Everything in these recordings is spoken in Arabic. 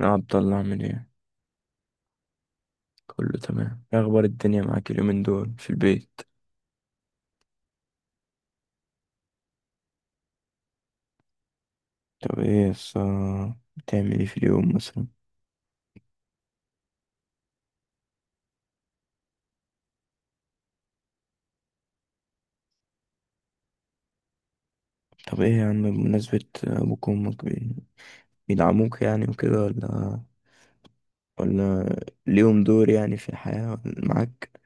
يا عبد الله، عامل ايه؟ كله تمام. إيه اخبار الدنيا معاك اليومين دول في البيت؟ طب ايه بتعمل ايه في اليوم مثلا؟ طب ايه يا عم، بمناسبة ابوك وامك، بيدعموك يعني وكده ولا ليهم دور يعني في الحياة ولا معاك؟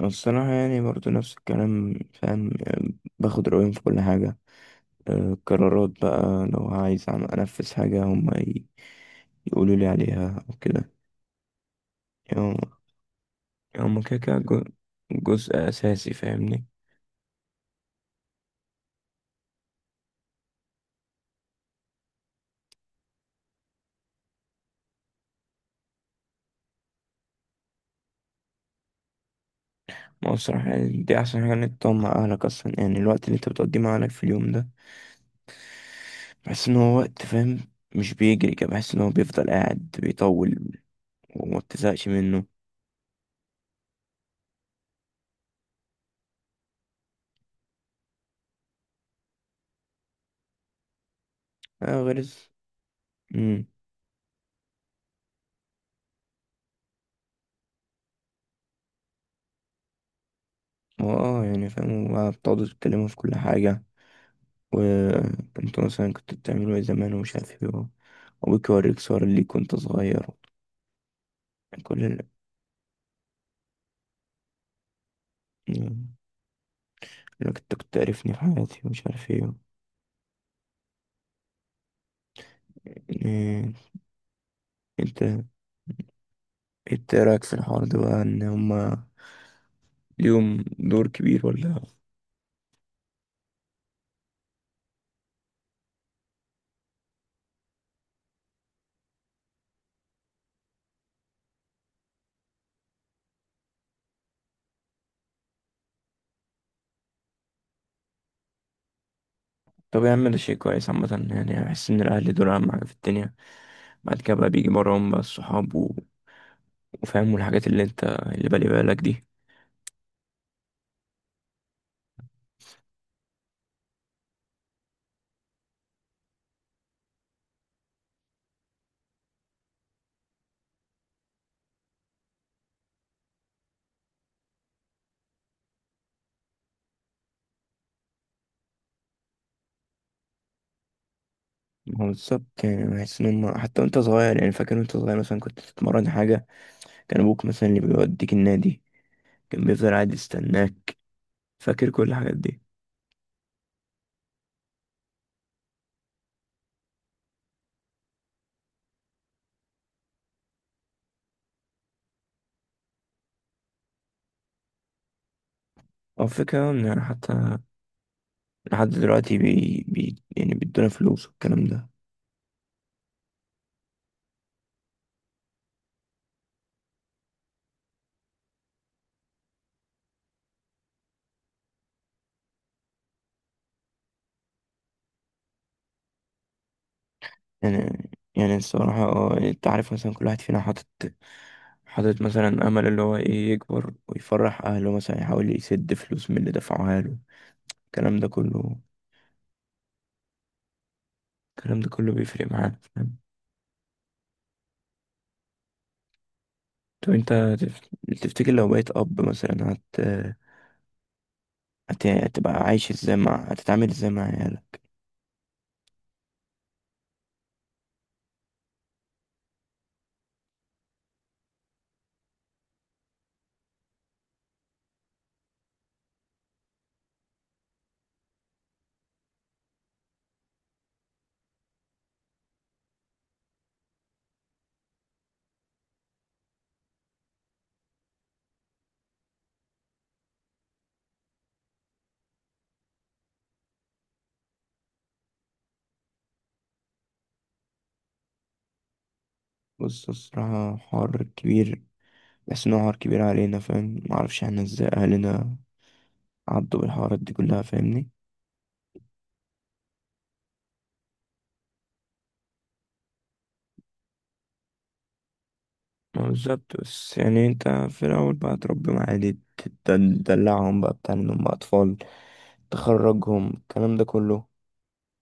أنا الصراحة يعني برضو نفس الكلام فاهم. باخد رأيهم في كل حاجة. آه، القرارات بقى لو عايز أنفذ حاجة، هما يقولوا لي عليها أو كده. يعني هما كده كده جزء أساسي فاهمني. ما هو الصراحة يعني دي أحسن حاجة إنك تقعد مع أهلك أصلا. يعني الوقت اللي أنت بتقضيه مع أهلك في اليوم ده، بحس إن هو وقت فاهم، مش بيجري كده. بحس إن هو بيفضل قاعد بيطول، وما بتزهقش منه. آه، غير الس- أمم هو آه يعني فاهم. هو بتقعدوا تتكلموا في كل حاجة، وأنتوا مثلا كنتوا بتعملوا إيه زمان، ومش عارف إيه وأبوك يوريك صور ليك وأنت صغير. كل ال... لك أنت كنت تعرفني في حياتي، ومش عارف إيه إيه، أنت، أنت إيه رأيك في الحوار ده بقى؟ إن هما ليهم دور كبير ولا؟ طب يا عم، ده شيء كويس عامة. يعني بحس إن الأهل دول أهم حاجة في الدنيا. بعد كده بقى بيجي براهم بقى الصحاب وفاهم الحاجات اللي أنت اللي بالي بالك دي. ما هو بالظبط، يعني بحس إن هما حتى وأنت صغير. يعني فاكر وأنت صغير مثلا كنت بتتمرن حاجة، كان أبوك مثلا اللي بيوديك النادي، كان بيفضل قاعد يستناك. فاكر كل الحاجات دي؟ هو الفكرة إن حتى لحد دلوقتي يعني بيدونا فلوس والكلام ده. يعني الصراحة اه، يعني انت عارف مثلا كل واحد فينا حاطط مثلا أمل، اللي هو ايه، يكبر ويفرح أهله، مثلا يحاول يسد فلوس من اللي دفعوها له. الكلام ده كله الكلام ده كله بيفرق معانا فاهم. طب انت، تف- تفتكر لو بقيت أب مثلا هتبقى عايش ازاي؟ مع هتتعامل ازاي مع عيالك؟ بص، الصراحة حوار كبير. بحس إنه حوار كبير علينا فاهم. معرفش احنا ازاي أهلنا عدوا بالحوارات دي كلها فاهمني. ما بالظبط، بس يعني انت في الأول بقى تربيهم عادي، تدلعهم بقى، بتعملهم بقى أطفال، تخرجهم، الكلام ده كله.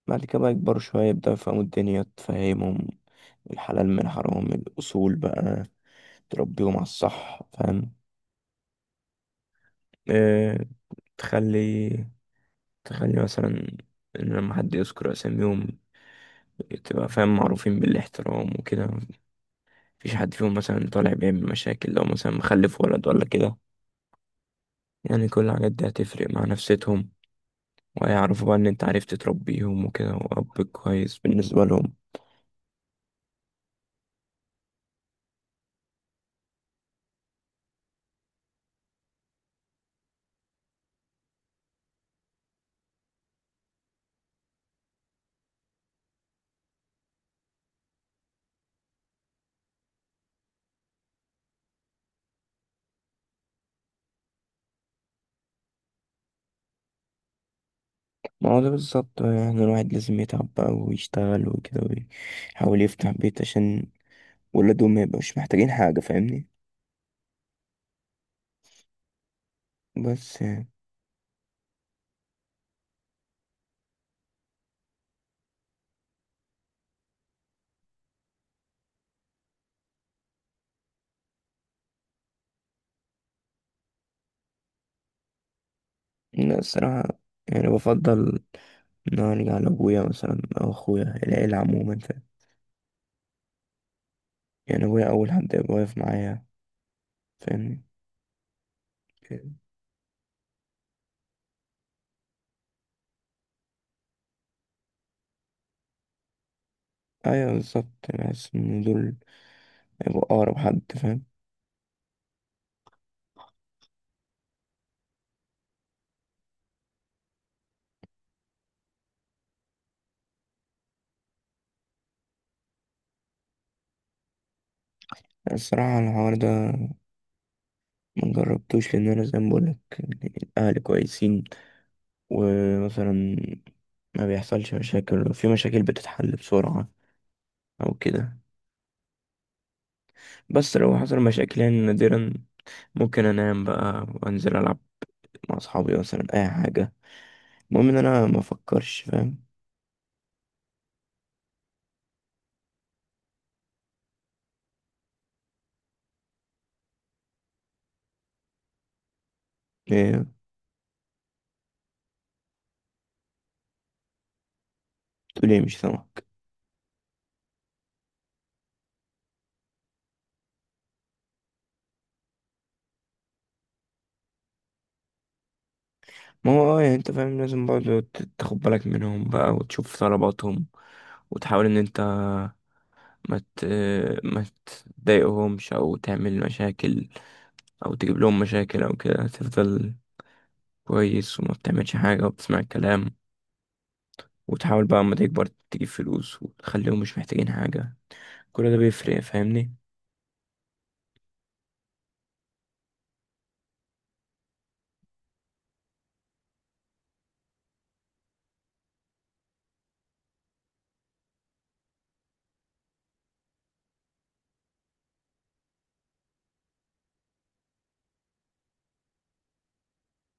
بعد كده بقى يكبروا شوية، يبدأوا يفهموا الدنيا، تفهمهم الحلال من حرام، الأصول بقى، تربيهم على الصح فاهم. اه، تخلي تخلي مثلا إن لما حد يذكر أساميهم تبقى فاهم معروفين بالاحترام وكده. مفيش حد فيهم مثلا طالع بيعمل مشاكل، لو مثلا مخلف ولد ولا كده. يعني كل الحاجات دي هتفرق مع نفسيتهم، ويعرفوا بقى ان انت عرفت تربيهم وكده، واب كويس بالنسبة لهم. ما هو ده بالظبط بقى. يعني الواحد لازم يتعب بقى ويشتغل وكده، ويحاول يفتح بيت عشان ولادهم ما يبقوش محتاجين حاجة فاهمني. بس يعني، لا الصراحة، يعني بفضل ان أنا ارجع لابويا مثلا او اخويا، العيلة عموما فاهم. يعني ابويا اول حد يبقى واقف معايا فاهمني. ايوه بالظبط، بحس ان دول هيبقوا اقرب حد فاهم. الصراحة الحوار ده ما جربتوش، لان انا زي ما بقولك الاهل كويسين. ومثلا ما بيحصلش مشاكل، في مشاكل بتتحل بسرعة او كده. بس لو حصل مشاكل يعني نادرا، ممكن انام بقى وانزل العب مع اصحابي، مثلا اي حاجة، المهم ان انا ما افكرش فاهم. إيه، تقول ايه؟ مش سامعك. ما هو اه، يعني انت فاهم لازم برضه تاخد بالك منهم بقى وتشوف طلباتهم، وتحاول ان انت ما ت... ما تضايقهمش او تعمل مشاكل او تجيب لهم مشاكل او كده. هتفضل كويس، وما بتعملش حاجة، وبتسمع الكلام، وتحاول بقى اما تكبر تجيب فلوس وتخليهم مش محتاجين حاجة. كل ده بيفرق فاهمني.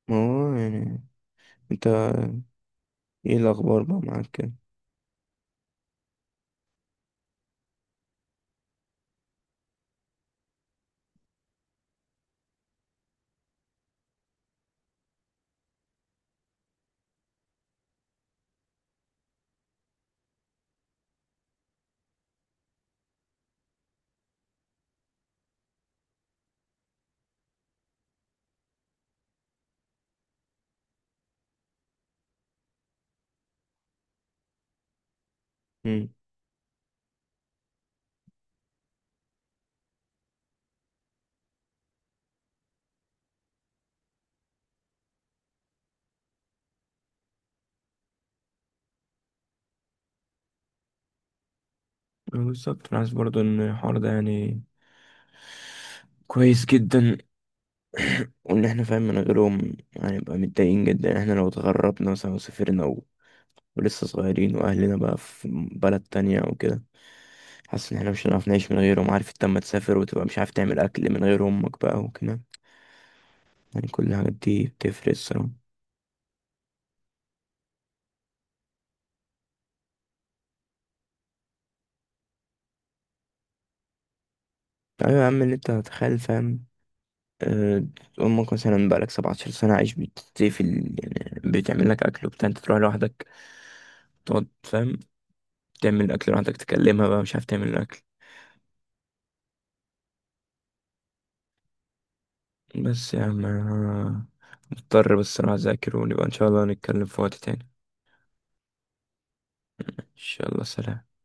ما هو يعني انت، ايه الاخبار بقى معاك كده؟ امم بالظبط. انا حاسس برضه ان الحوار ده يعني كويس جدا. وان احنا فاهم من غيرهم هنبقى متضايقين جدا. احنا لو اتغربنا مثلا وسافرنا ولسه صغيرين وأهلنا بقى في بلد تانية وكده، حاسس إن احنا مش هنعرف نعيش من غيرهم. عارف انت لما تسافر وتبقى مش عارف تعمل أكل من غير أمك بقى وكده؟ يعني كل الحاجات دي بتفرق الصراحة. أيوة يا عم، اللي انت هتخيل فاهم. آه، أمك مثلا بقالك 17 سنة عايش بتطيب في يعني بتعمل لك أكل وبتاع، انت تروح لوحدك تقعد فاهم تعمل الأكل لوحدك، تكلمها بقى مش عارف تعمل الأكل. بس يا عم، أنا مضطر، بس أنا أذاكر، ونبقى إن شاء الله نتكلم في وقت تاني. إن شاء الله، سلام.